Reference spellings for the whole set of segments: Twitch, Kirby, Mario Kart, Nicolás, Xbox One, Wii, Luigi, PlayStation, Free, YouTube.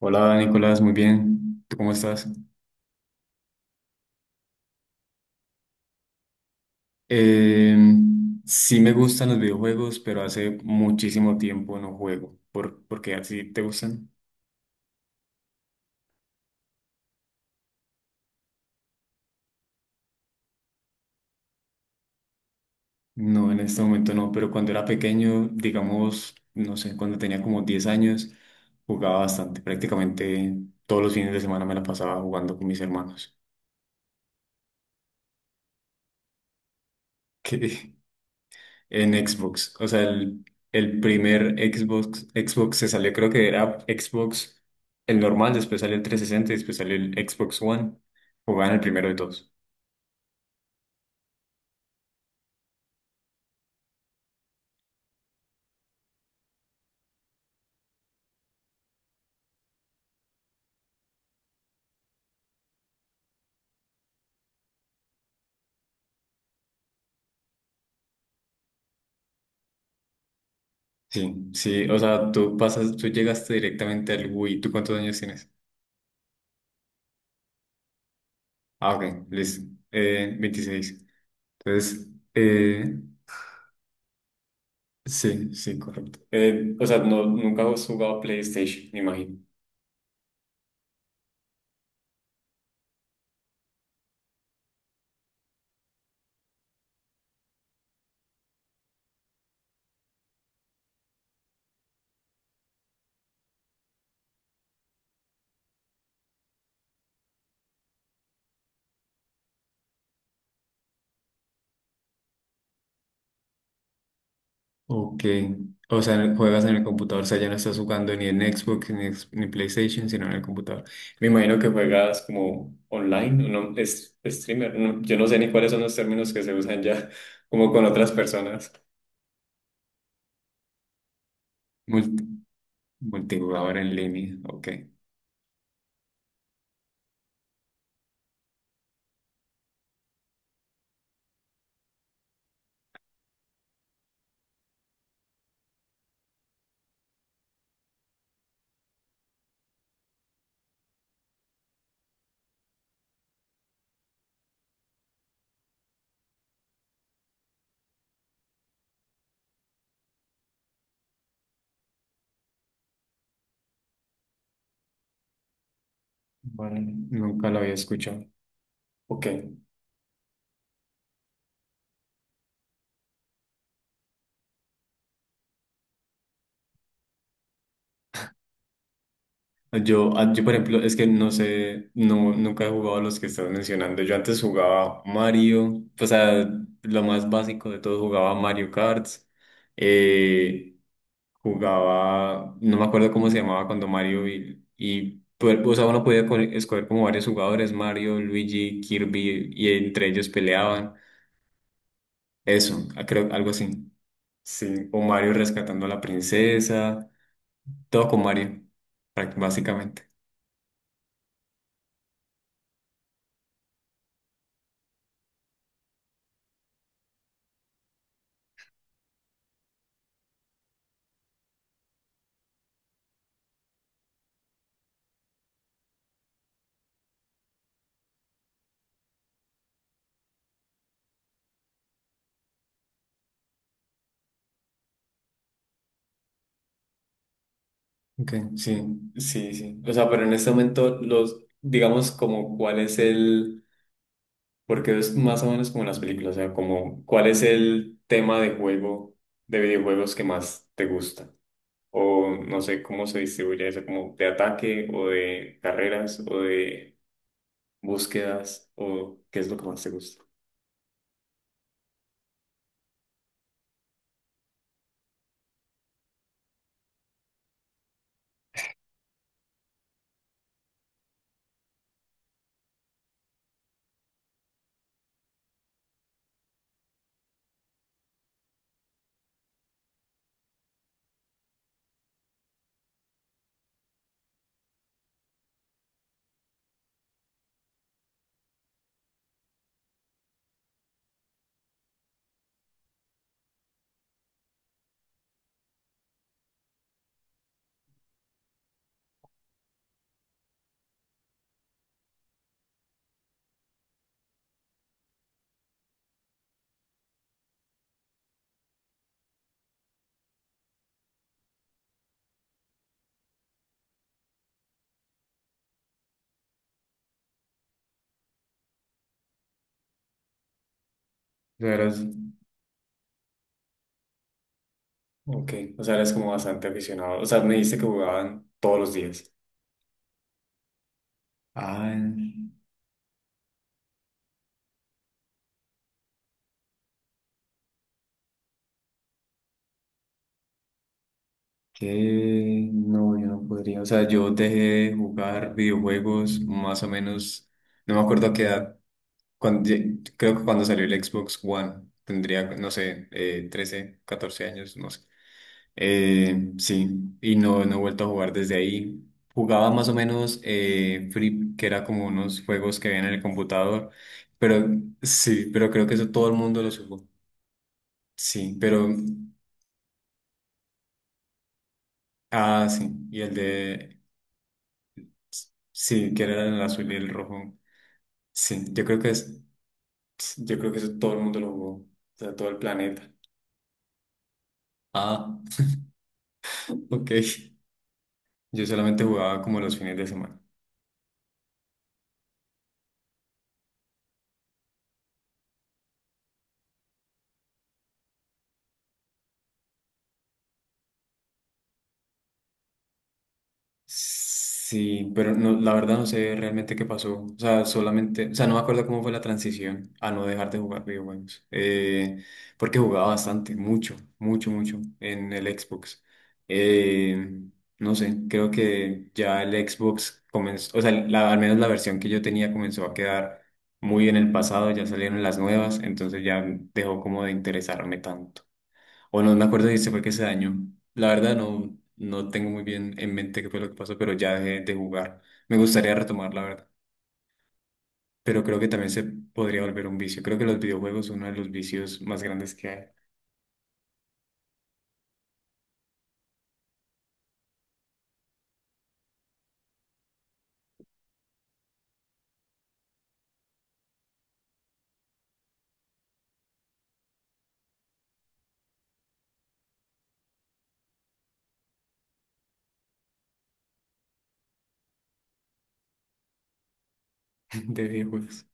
Hola Nicolás, muy bien. ¿Tú cómo estás? Eh, sí me gustan los videojuegos, pero hace muchísimo tiempo no juego. ¿Por qué así te gustan? No, en este momento no, pero cuando era pequeño, digamos, no sé, cuando tenía como 10 años, jugaba bastante. Prácticamente todos los fines de semana me la pasaba jugando con mis hermanos. ¿Qué? En Xbox. El primer Xbox, Xbox se salió, creo que era Xbox el normal, después salió el 360 y después salió el Xbox One. Jugaban el primero de todos. Sí, sí, o sea, tú llegaste directamente al Wii. ¿Tú cuántos años tienes? Ah, ok, listo. 26. Entonces, eh, sí, sí, correcto. O sea, no, nunca has jugado PlayStation, me imagino. Ok. O sea, juegas en el computador, o sea, ya no estás jugando ni en Xbox ni, ni PlayStation, sino en el computador. Me imagino que juegas como online, ¿no? Es streamer, no yo no sé ni cuáles son los términos que se usan ya, como con otras personas. Multi- Multijugador en línea, ok. Vale, nunca lo había escuchado. Ok. Yo, por ejemplo, es que no sé, no, nunca he jugado a los que estás mencionando. Yo antes jugaba Mario, o sea, lo más básico de todo, jugaba Mario Kart, eh, jugaba, no me acuerdo cómo se llamaba cuando Mario y pues, o sea, uno podía escoger como varios jugadores, Mario, Luigi, Kirby, y entre ellos peleaban. Eso, ah, creo, algo así. Sí, o Mario rescatando a la princesa, todo con Mario, básicamente. Ok, sí, sí, sí. O sea, pero en este momento los, digamos, como cuál es el, porque es más o menos como en las películas, o sea, como cuál es el tema de juego, de videojuegos que más te gusta. O no sé cómo se distribuye eso, como de ataque o de carreras o de búsquedas o qué es lo que más te gusta. Sea, eras, ok, o sea, eres como bastante aficionado. O sea, me dijiste que jugaban todos los días. Ah. Que no, yo no podría. O sea, yo dejé de jugar videojuegos más o menos, no me acuerdo a qué edad, cuando, creo que cuando salió el Xbox One, tendría, no sé, 13, 14 años, no sé. Sí, y no, no he vuelto a jugar desde ahí. Jugaba más o menos Free, que era como unos juegos que había en el computador, pero sí, pero creo que eso todo el mundo lo jugó. Sí, pero, ah, sí, y el de... Sí, que era el azul y el rojo. Sí, yo creo que es, yo creo que eso todo el mundo lo jugó, o sea, todo el planeta. Ah, ok. Yo solamente jugaba como los fines de semana. Sí, pero no, la verdad no sé realmente qué pasó. O sea, solamente, o sea, no me acuerdo cómo fue la transición a no dejar de jugar videojuegos. Porque jugaba bastante, mucho, mucho, mucho en el Xbox. Eh, no sé, creo que ya el Xbox comenzó, o sea, al menos la versión que yo tenía comenzó a quedar muy en el pasado, ya salieron las nuevas, entonces ya dejó como de interesarme tanto. O no me acuerdo si se fue que se dañó. La verdad no, no tengo muy bien en mente qué fue lo que pasó, pero ya dejé de jugar. Me gustaría retomar, la verdad. Pero creo que también se podría volver un vicio. Creo que los videojuegos son uno de los vicios más grandes que hay. De videojuegos.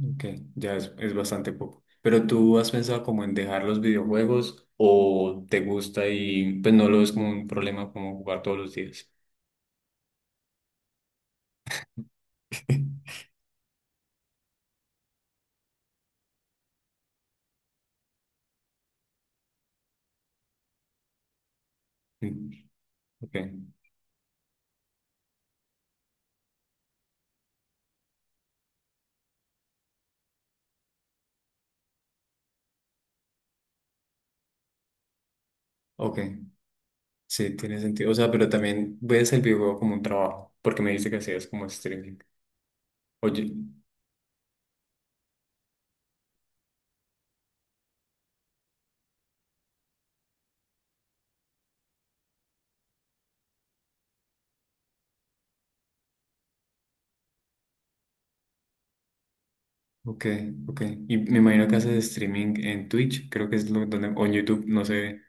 Ok, ya es bastante poco. Pero tú has pensado como en dejar los videojuegos o te gusta y pues no lo ves como un problema como jugar todos los días. Mm, ok, ok. Sí, tiene sentido. O sea, pero también ves el videojuego como un trabajo, porque me dijiste que hacías como streaming. Oye, ok, ok. Y me imagino que haces streaming en Twitch, creo que es lo donde, o en YouTube, no sé.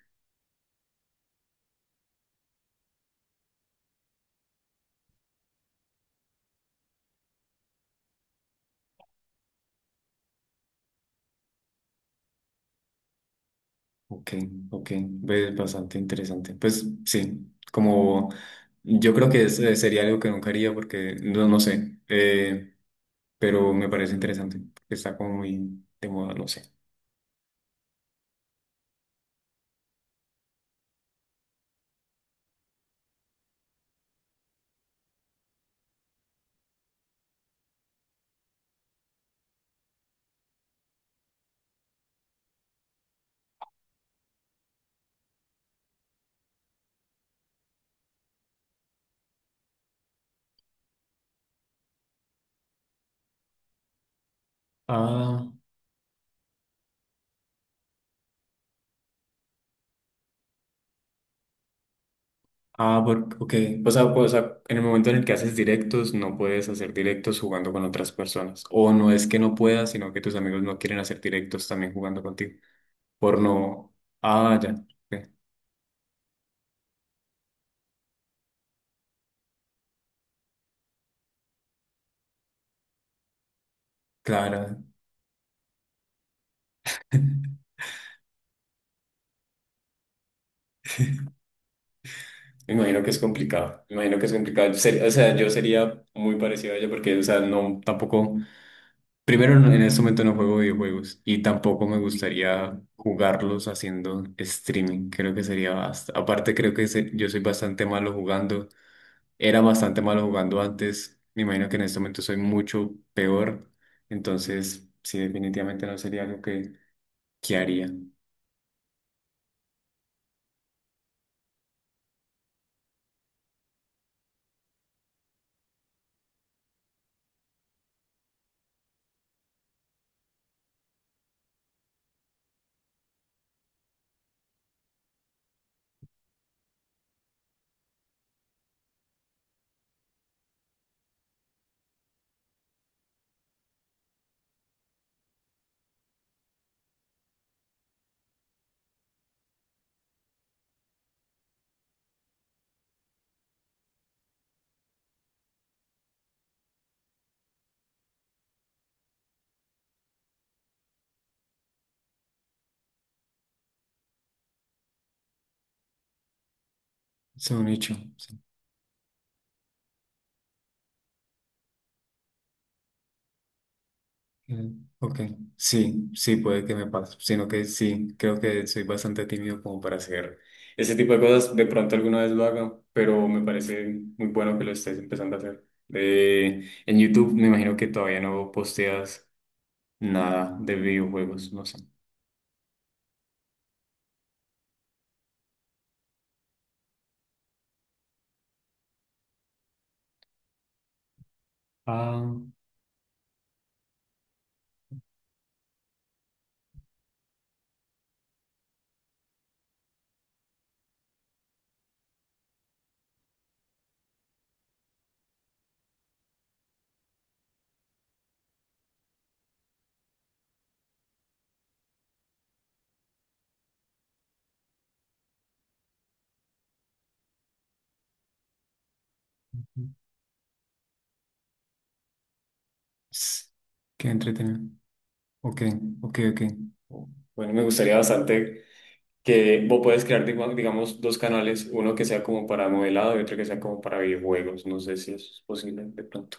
Ok, ok. Ves bastante interesante. Pues sí, como yo creo que sería algo que nunca haría porque no, no sé, pero me parece interesante, porque está como muy de moda, no sé. Ah. Ah, ok. O sea, pues, o sea, en el momento en el que haces directos, no puedes hacer directos jugando con otras personas. O no es que no puedas, sino que tus amigos no quieren hacer directos también jugando contigo. Por no. Ah, ya. Ok. Claro. Me imagino que es complicado. Me imagino que es complicado. O sea, yo sería muy parecido a ella porque, o sea, no, tampoco. Primero, en este momento no juego videojuegos y tampoco me gustaría jugarlos haciendo streaming. Creo que sería basta. Aparte, creo que yo soy bastante malo jugando. Era bastante malo jugando antes. Me imagino que en este momento soy mucho peor. Entonces, sí, definitivamente no sería algo que haría. Son nicho. Sí. Mm, ok. Sí, sí, puede que me pase. Sino que sí, creo que soy bastante tímido como para hacer ese tipo de cosas. De pronto alguna vez lo haga, pero me parece muy bueno que lo estés empezando a hacer. En YouTube me imagino que todavía no posteas nada de videojuegos, no sé. Ah, s- qué entretenido. Ok, ok, ok. Bueno, me gustaría bastante que vos puedes crear, digamos, dos canales, uno que sea como para modelado y otro que sea como para videojuegos. No sé si eso es posible de pronto.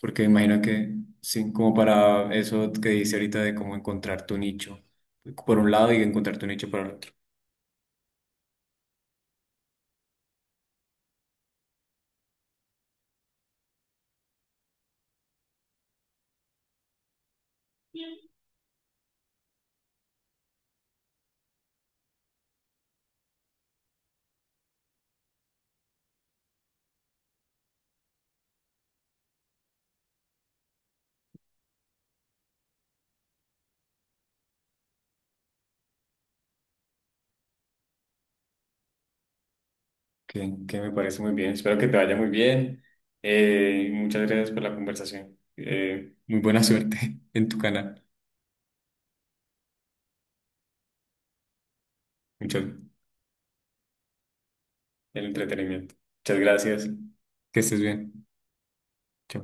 Porque imagino que, sí, como para eso que dice ahorita de cómo encontrar tu nicho por un lado y encontrar tu nicho por el otro. Que me parece muy bien. Espero que te vaya muy bien. Muchas gracias por la conversación. Muy buena suerte en tu canal. Mucho el entretenimiento. Muchas gracias. Que estés bien. Sí.